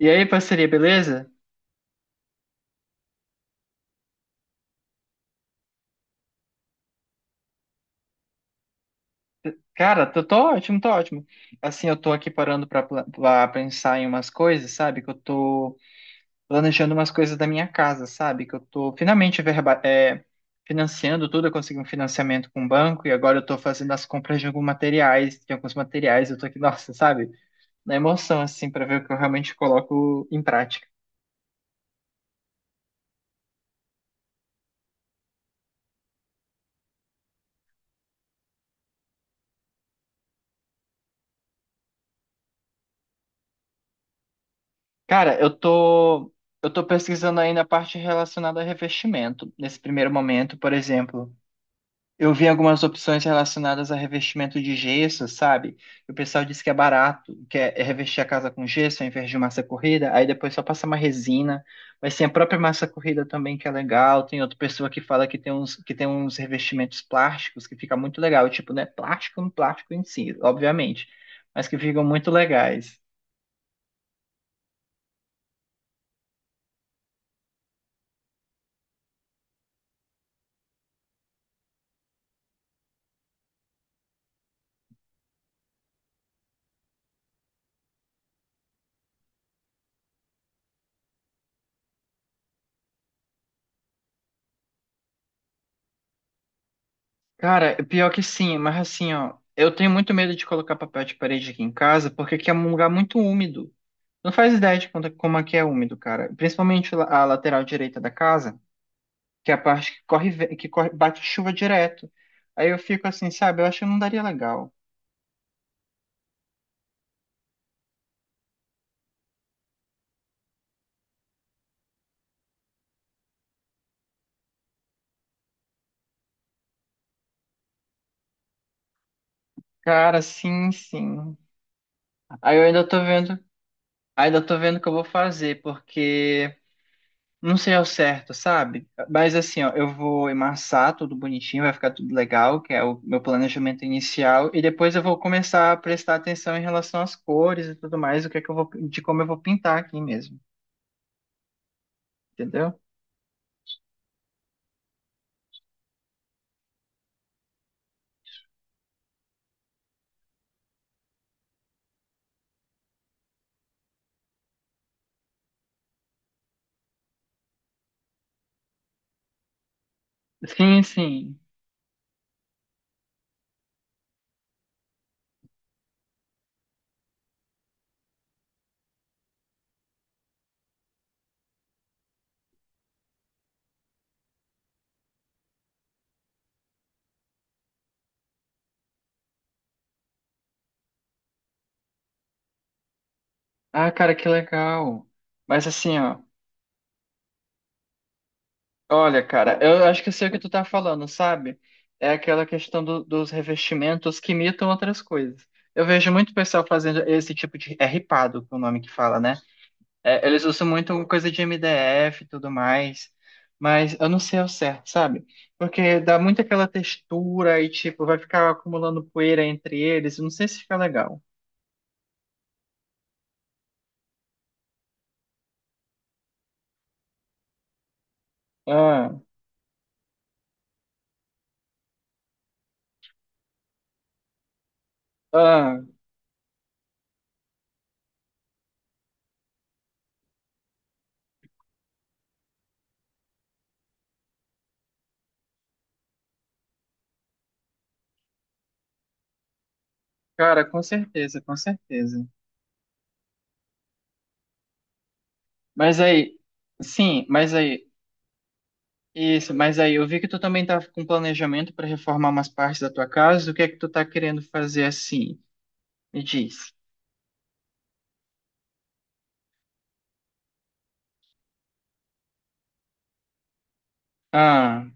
E aí, parceria, beleza? Cara, tô ótimo, tô ótimo. Assim, eu tô aqui parando pra pensar em umas coisas, sabe? Que eu tô planejando umas coisas da minha casa, sabe? Que eu tô finalmente verba, financiando tudo, eu consegui um financiamento com o banco e agora eu tô fazendo as compras de alguns materiais, eu tô aqui, nossa, sabe? Na emoção, assim, pra ver o que eu realmente coloco em prática. Cara, eu tô pesquisando ainda a parte relacionada a revestimento. Nesse primeiro momento, por exemplo. Eu vi algumas opções relacionadas a revestimento de gesso, sabe? E o pessoal disse que é barato, que é revestir a casa com gesso ao invés de massa corrida, aí depois só passa uma resina. Mas tem a própria massa corrida também que é legal. Tem outra pessoa que fala que tem uns revestimentos plásticos que fica muito legal. Tipo, não é plástico, no plástico em si, obviamente, mas que ficam muito legais. Cara, é pior que sim, mas assim, ó, eu tenho muito medo de colocar papel de parede aqui em casa, porque aqui é um lugar muito úmido. Não faz ideia de como aqui é úmido, cara. Principalmente a lateral direita da casa, que é a parte que que corre, bate chuva direto. Aí eu fico assim, sabe? Eu acho que não daria legal. Cara, sim, sim. Aí eu ainda tô vendo o que eu vou fazer, porque não sei ao certo, sabe? Mas assim, ó, eu vou emassar tudo bonitinho, vai ficar tudo legal, que é o meu planejamento inicial, e depois eu vou começar a prestar atenção em relação às cores e tudo mais, o que é que eu vou, de como eu vou pintar aqui mesmo, entendeu? Sim, sim. Ah, cara, que legal. Mas assim, ó, olha, cara, eu acho que eu sei o que tu tá falando, sabe? É aquela questão dos revestimentos que imitam outras coisas. Eu vejo muito pessoal fazendo esse tipo de. É ripado, que é o nome que fala, né? É, eles usam muito coisa de MDF e tudo mais. Mas eu não sei ao certo, sabe? Porque dá muito aquela textura e, tipo, vai ficar acumulando poeira entre eles. Eu não sei se fica legal. Ah, ah, Cara, com certeza, com certeza. Mas aí, sim, mas aí, isso, Mas aí, eu vi que tu também tá com planejamento para reformar umas partes da tua casa. O que é que tu tá querendo fazer assim? Me diz. Ah,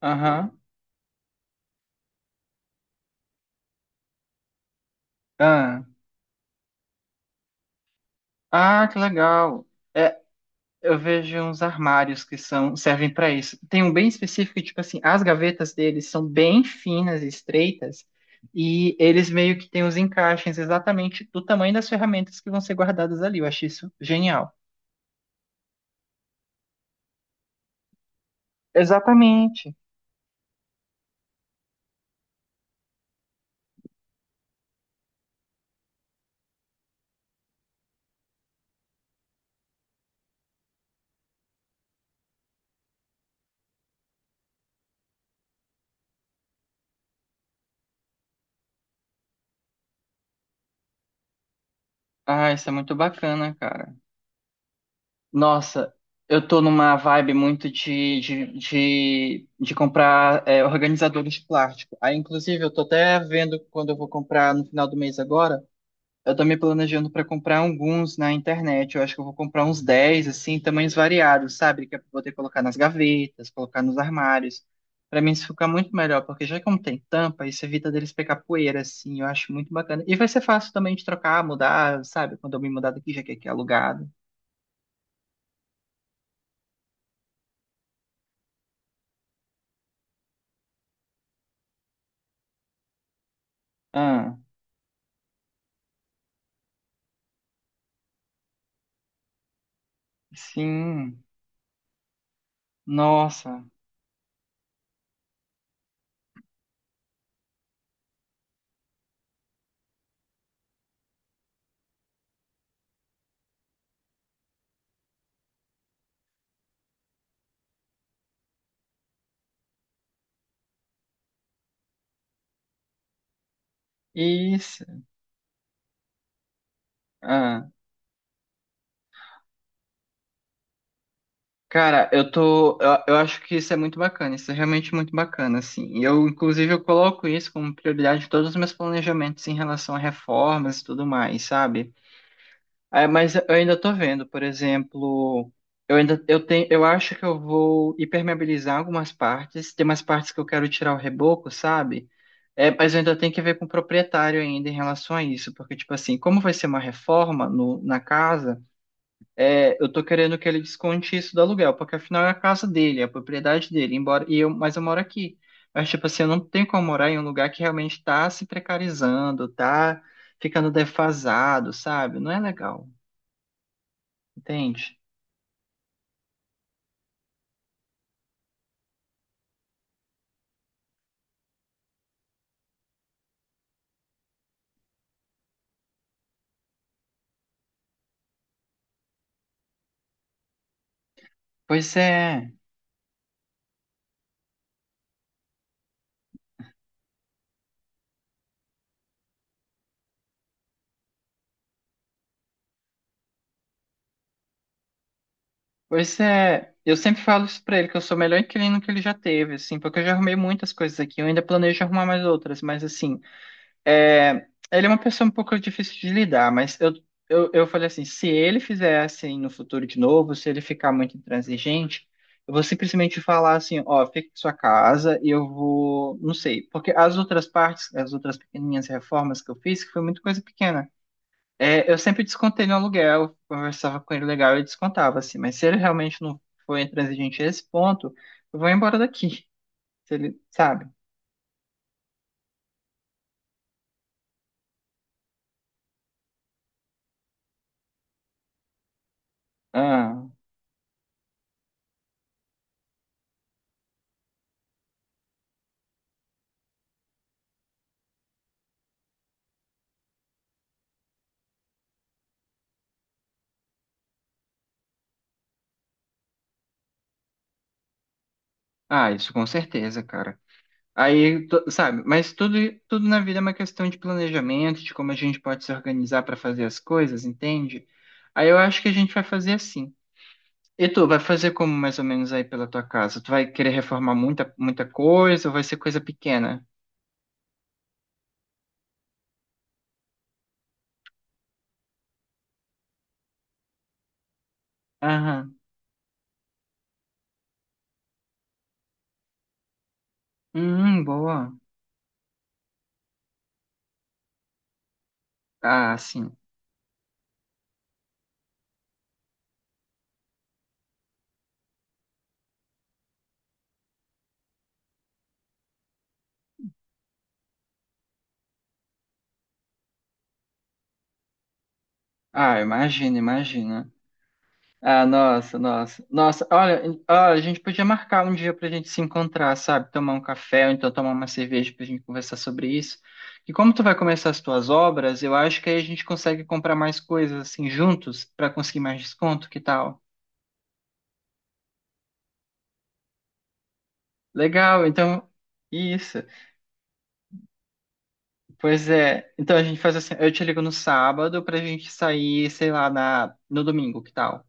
aham, ah. Ah, que legal. É, eu vejo uns armários que são, servem para isso. Tem um bem específico, tipo assim, as gavetas deles são bem finas e estreitas, e eles meio que têm os encaixes exatamente do tamanho das ferramentas que vão ser guardadas ali. Eu achei isso genial. Exatamente. Ah, isso é muito bacana, cara. Nossa, eu tô numa vibe muito de comprar organizadores de plástico. Aí, inclusive, eu tô até vendo quando eu vou comprar no final do mês agora. Eu tô me planejando para comprar alguns na internet. Eu acho que eu vou comprar uns 10, assim, tamanhos variados, sabe? Que eu vou ter que colocar nas gavetas, colocar nos armários. Para mim isso fica muito melhor, porque já que não tem tampa, isso evita deles pegar poeira, assim. Eu acho muito bacana. E vai ser fácil também de trocar, mudar, sabe? Quando eu me mudar daqui, já que aqui é alugado. Ah, sim. Nossa. Isso. Ah. Cara, eu acho que isso é muito bacana, isso é realmente muito bacana, assim. E eu, inclusive, eu coloco isso como prioridade em todos os meus planejamentos em relação a reformas e tudo mais, sabe? É, mas eu ainda tô vendo, por exemplo, eu acho que eu vou impermeabilizar algumas partes, tem umas partes que eu quero tirar o reboco, sabe? É, mas eu ainda tenho que ver com o proprietário ainda em relação a isso, porque, tipo assim, como vai ser uma reforma no, na casa eu tô querendo que ele desconte isso do aluguel, porque afinal é a casa dele, é a propriedade dele, embora e eu, mas eu moro aqui. Mas tipo assim, eu não tenho como morar em um lugar que realmente tá se precarizando, tá ficando defasado, sabe? Não é legal, entende? Pois é, pois é. Eu sempre falo isso pra ele, que eu sou o melhor inquilino que ele já teve, assim, porque eu já arrumei muitas coisas aqui, eu ainda planejo arrumar mais outras, mas assim, é, ele é uma pessoa um pouco difícil de lidar, mas eu falei assim, se ele fizer assim no futuro de novo, se ele ficar muito intransigente, eu vou simplesmente falar assim, ó, fica em sua casa e eu vou, não sei, porque as outras partes, as outras pequenininhas reformas que eu fiz, que foi muita coisa pequena, é, eu sempre descontei no aluguel, conversava com ele legal e descontava assim, mas se ele realmente não foi intransigente a esse ponto, eu vou embora daqui, se ele, sabe? Ah, isso com certeza, cara. Sabe, mas tudo, tudo na vida é uma questão de planejamento, de como a gente pode se organizar para fazer as coisas, entende? Aí eu acho que a gente vai fazer assim. E tu, vai fazer como mais ou menos aí pela tua casa? Tu vai querer reformar muita, muita coisa ou vai ser coisa pequena? Aham. Boa. Ah, sim. Ah, imagina, imagina. Ah, nossa, nossa. Nossa, olha, olha, a gente podia marcar um dia pra gente se encontrar, sabe? Tomar um café ou então tomar uma cerveja pra gente conversar sobre isso. E como tu vai começar as tuas obras, eu acho que aí a gente consegue comprar mais coisas assim juntos pra conseguir mais desconto, que tal? Legal, então isso. Pois é. Então a gente faz assim, eu te ligo no sábado pra gente sair, sei lá, na no domingo, que tal?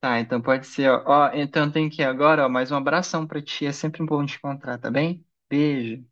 Tá, então pode ser, ó. Ó, então tem que ir agora, ó, mais um abração pra ti, é sempre bom te encontrar, tá bem? Beijo.